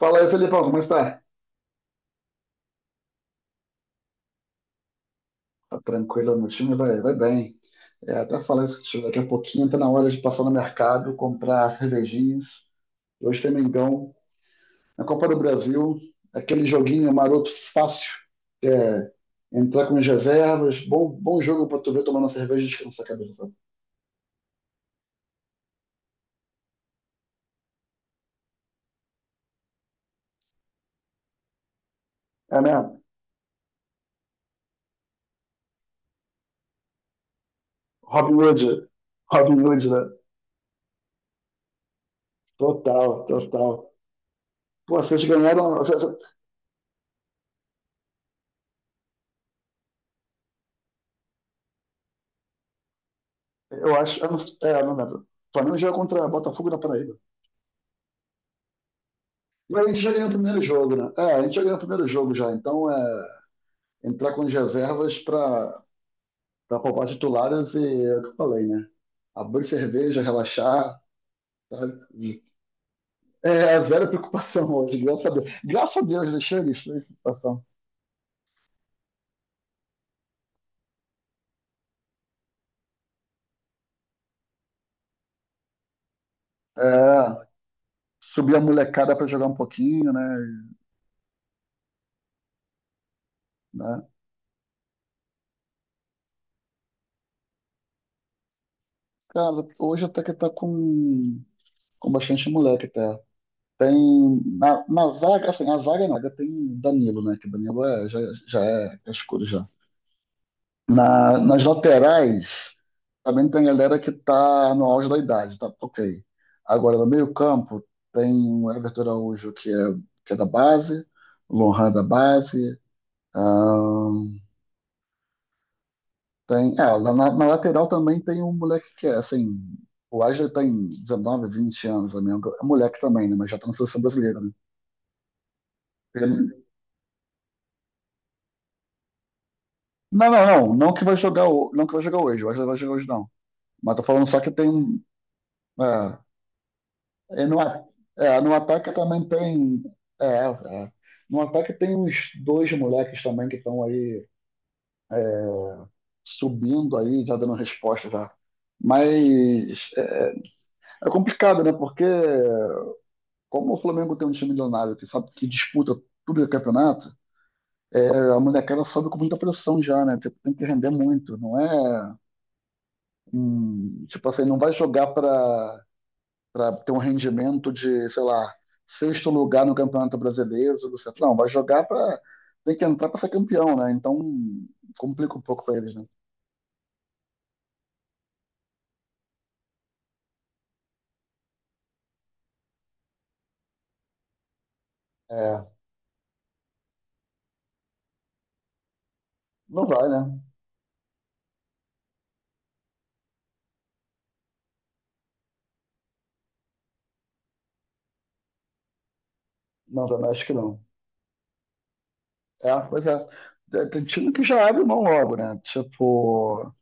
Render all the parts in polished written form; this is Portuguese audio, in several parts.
Fala aí, Felipão, como está? Tá tranquilo no time? Vai bem. Até falar isso contigo daqui a pouquinho, tá na hora de passar no mercado, comprar cervejinhas. Hoje tem Mengão. Na Copa do Brasil, aquele joguinho maroto fácil. Entrar com as reservas, bom jogo pra tu ver tomando uma cerveja e descansar a cabeça, sabe? É mesmo? Robin Hood. Robin Hood, né? Total, total. Pô, vocês ganharam. Eu acho. Eu não, não lembro. O Flamengo joga contra Botafogo na Paraíba. Mas a gente já ganhou o primeiro jogo, né? É, a gente já ganhou o primeiro jogo já. Então é entrar com as reservas para poupar titulares e é o que eu falei, né? Abrir cerveja, relaxar, sabe? É é zero preocupação hoje, graças a Deus. Graças a Deus, deixei eles sem preocupação. É, subir a molecada para jogar um pouquinho, né? Né? Cara, hoje até que tá com bastante moleque até. Tem na zaga, assim, a zaga não, tem Danilo, né? Que Danilo é, já, já é escuro já. Nas laterais também tem galera que está no auge da idade, tá ok. Agora, no meio-campo, tem o Everton Araújo, que é da base, o Lohan é da base. ahn, Tem, na, na lateral também tem um moleque que é assim. O Wesley tem 19, 20 anos, amigo. É moleque também, né? Mas já está na seleção brasileira, né? Ele- Não, não, não. Não que vai jogar, não que vai jogar hoje. O Wesley vai jogar hoje, não. Mas tô falando só que tem. É, e é, no ataque também tem. É, é. No ataque tem uns dois moleques também que estão aí, é, subindo aí, já dando resposta já. Mas é, é complicado, né? Porque como o Flamengo tem um time milionário que sabe que disputa tudo o campeonato, é, a molecada sobe com muita pressão já, né? Tipo, tem que render muito, não é? Tipo assim, não vai jogar para ter um rendimento de, sei lá, sexto lugar no Campeonato Brasileiro, tudo certo. Não, vai jogar para. Tem que entrar para ser campeão, né? Então complica um pouco para eles, né? É, não vai, né? Não, também acho que não. É, pois é. Tem time que já abre mão logo, né? Tipo,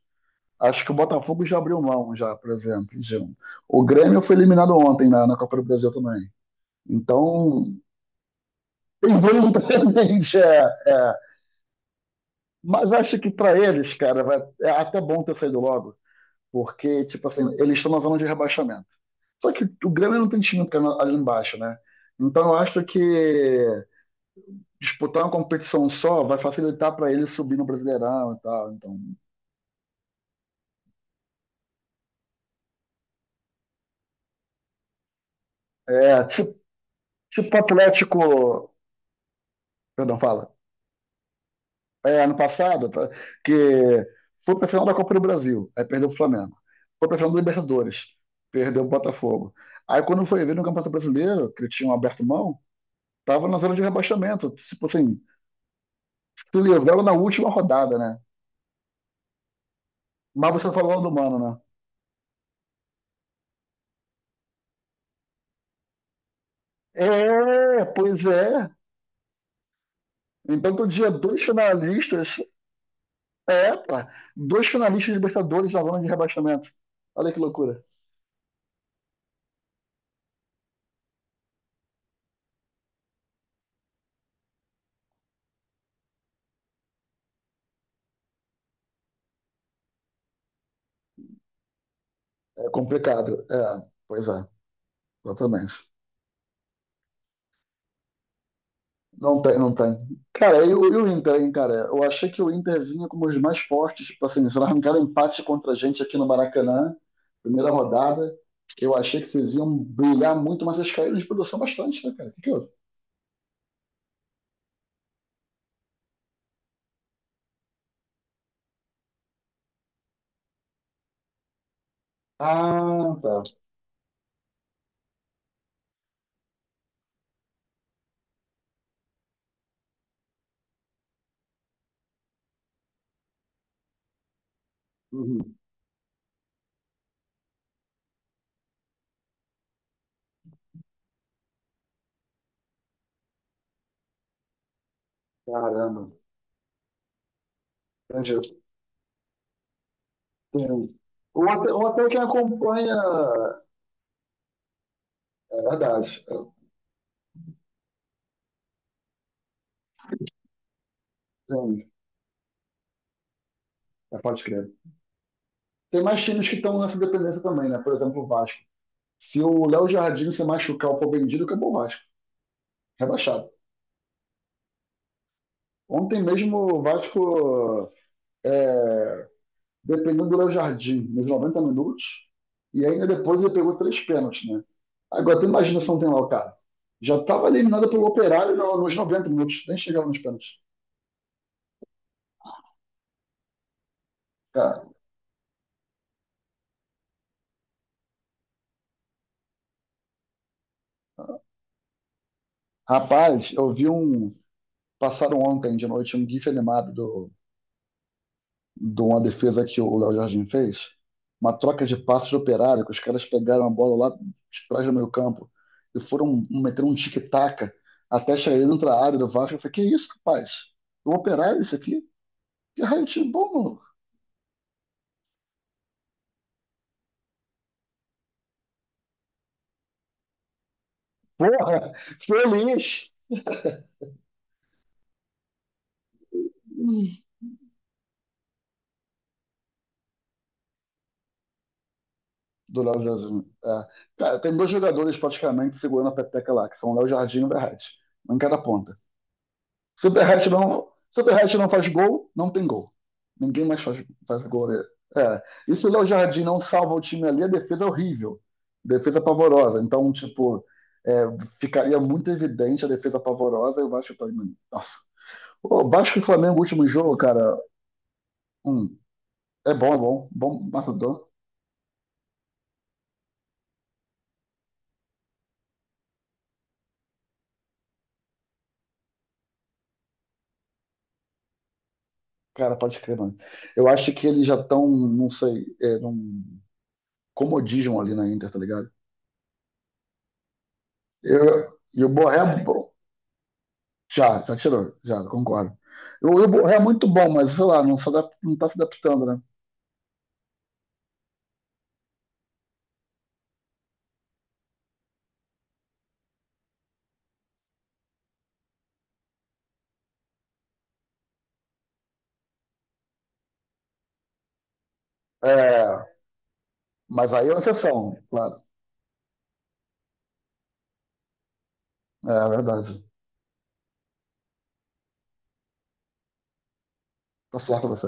acho que o Botafogo já abriu mão, já, por exemplo, de um. O Grêmio foi eliminado ontem na Copa do Brasil também. Então, involuntariamente, é, é. Mas acho que para eles, cara, vai, é até bom ter saído logo. Porque, tipo assim, eles estão na zona de rebaixamento. Só que o Grêmio não tem time ali embaixo, né? Então eu acho que disputar uma competição só vai facilitar para ele subir no Brasileirão e tal. Então, é, tipo, tipo o Atlético, perdão, fala. É, ano passado, tá? Que foi pra final da Copa do Brasil, aí perdeu o Flamengo. Foi pra final da Libertadores, perdeu o Botafogo. Aí quando foi ver no Campeonato Brasileiro, que eles tinham aberto mão, tava na zona de rebaixamento. Tipo assim, se livraram na última rodada, né? Mas você falou do Mano, né? É, pois é. Então, todo dia, dois finalistas. É, pá, dois finalistas de Libertadores na zona de rebaixamento. Olha que loucura. É complicado. É, pois é, exatamente. Não tem, não tem. Cara, e o Inter, hein, cara? Eu achei que o Inter vinha como os mais fortes, tipo assim, se não arrancaram empate contra a gente aqui no Maracanã, primeira rodada, eu achei que vocês iam brilhar muito, mas eles caíram de produção bastante, né, cara? O que que houve? Ah, tá. Uhum. Caramba. Entendi. Sim. Ou até quem acompanha, é verdade, sim, é, pode crer. Tem mais times que estão nessa dependência também, né? Por exemplo, o Vasco. Se o Léo Jardim se machucar ou for vendido, acabou o Vasco, rebaixado. Ontem mesmo o Vasco, é, dependendo do Léo Jardim, nos 90 minutos, e ainda depois ele pegou três pênaltis, né? Agora, tu imagina se não tem lá o cara. Já estava eliminado pelo Operário nos 90 minutos, nem chegava nos pênaltis. Cara, rapaz, eu vi um, passaram ontem de noite um GIF animado do, de uma defesa que o Léo Jardim fez. Uma troca de passos de operário, que os caras pegaram a bola lá de trás do meio campo e foram meter um tic-tac até chegar dentro da área do Vasco. Eu falei, que isso, rapaz? O operário isso aqui? Que raio de bom, maluco. Porra, feliz! Do Léo Jardim. É. Cara, tem dois jogadores praticamente segurando a peteca lá, que são o Léo Jardim e o Verratti. Um em cada ponta. Superhat não faz gol, não tem gol. Ninguém mais faz gol, né? É. E se o Léo Jardim não salva o time ali, a defesa é horrível. Defesa pavorosa. Então, tipo, é, ficaria muito evidente a defesa pavorosa e o Vasco tá. Nossa. O Vasco e Flamengo, último jogo, cara. Hum, é bom, é bom. Bom matador. Cara, pode crer, mano. Eu acho que eles já estão, não sei, é, num comodismo ali na Inter, tá ligado? Eu, e o Borré, já, já tirou, já, concordo. O Ibo é muito bom, mas sei lá, não, se adap- não tá se adaptando, né? É, mas aí é uma exceção, claro. É verdade. Tá certo você.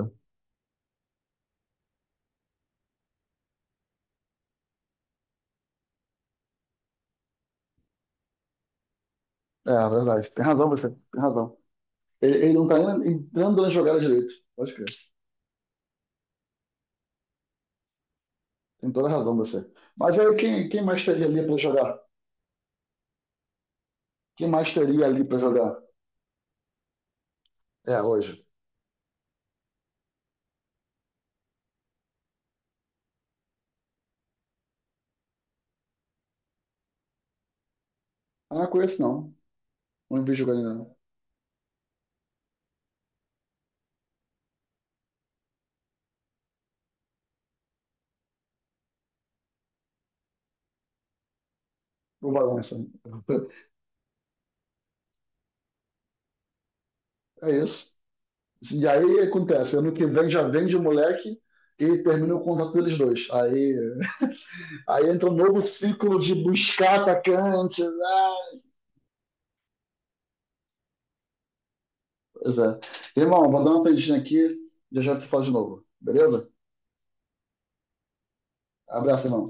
É verdade. Tem razão você, tem razão. Ele não tá nem entrando na jogada direito. Pode crer. Tem toda a razão você. Mas aí quem mais teria ali pra jogar? Quem mais teria ali pra jogar? É, hoje. Ah, não conheço não. Não vi jogando ainda não. O Valência. É isso. E aí acontece, ano que vem já vende o moleque e termina o contrato deles dois. Aí, aí entra um novo ciclo de buscar atacantes. Ah. Pois é. Irmão, vou dar uma tendinha aqui, já já te falo de novo, beleza? Abraço, irmão.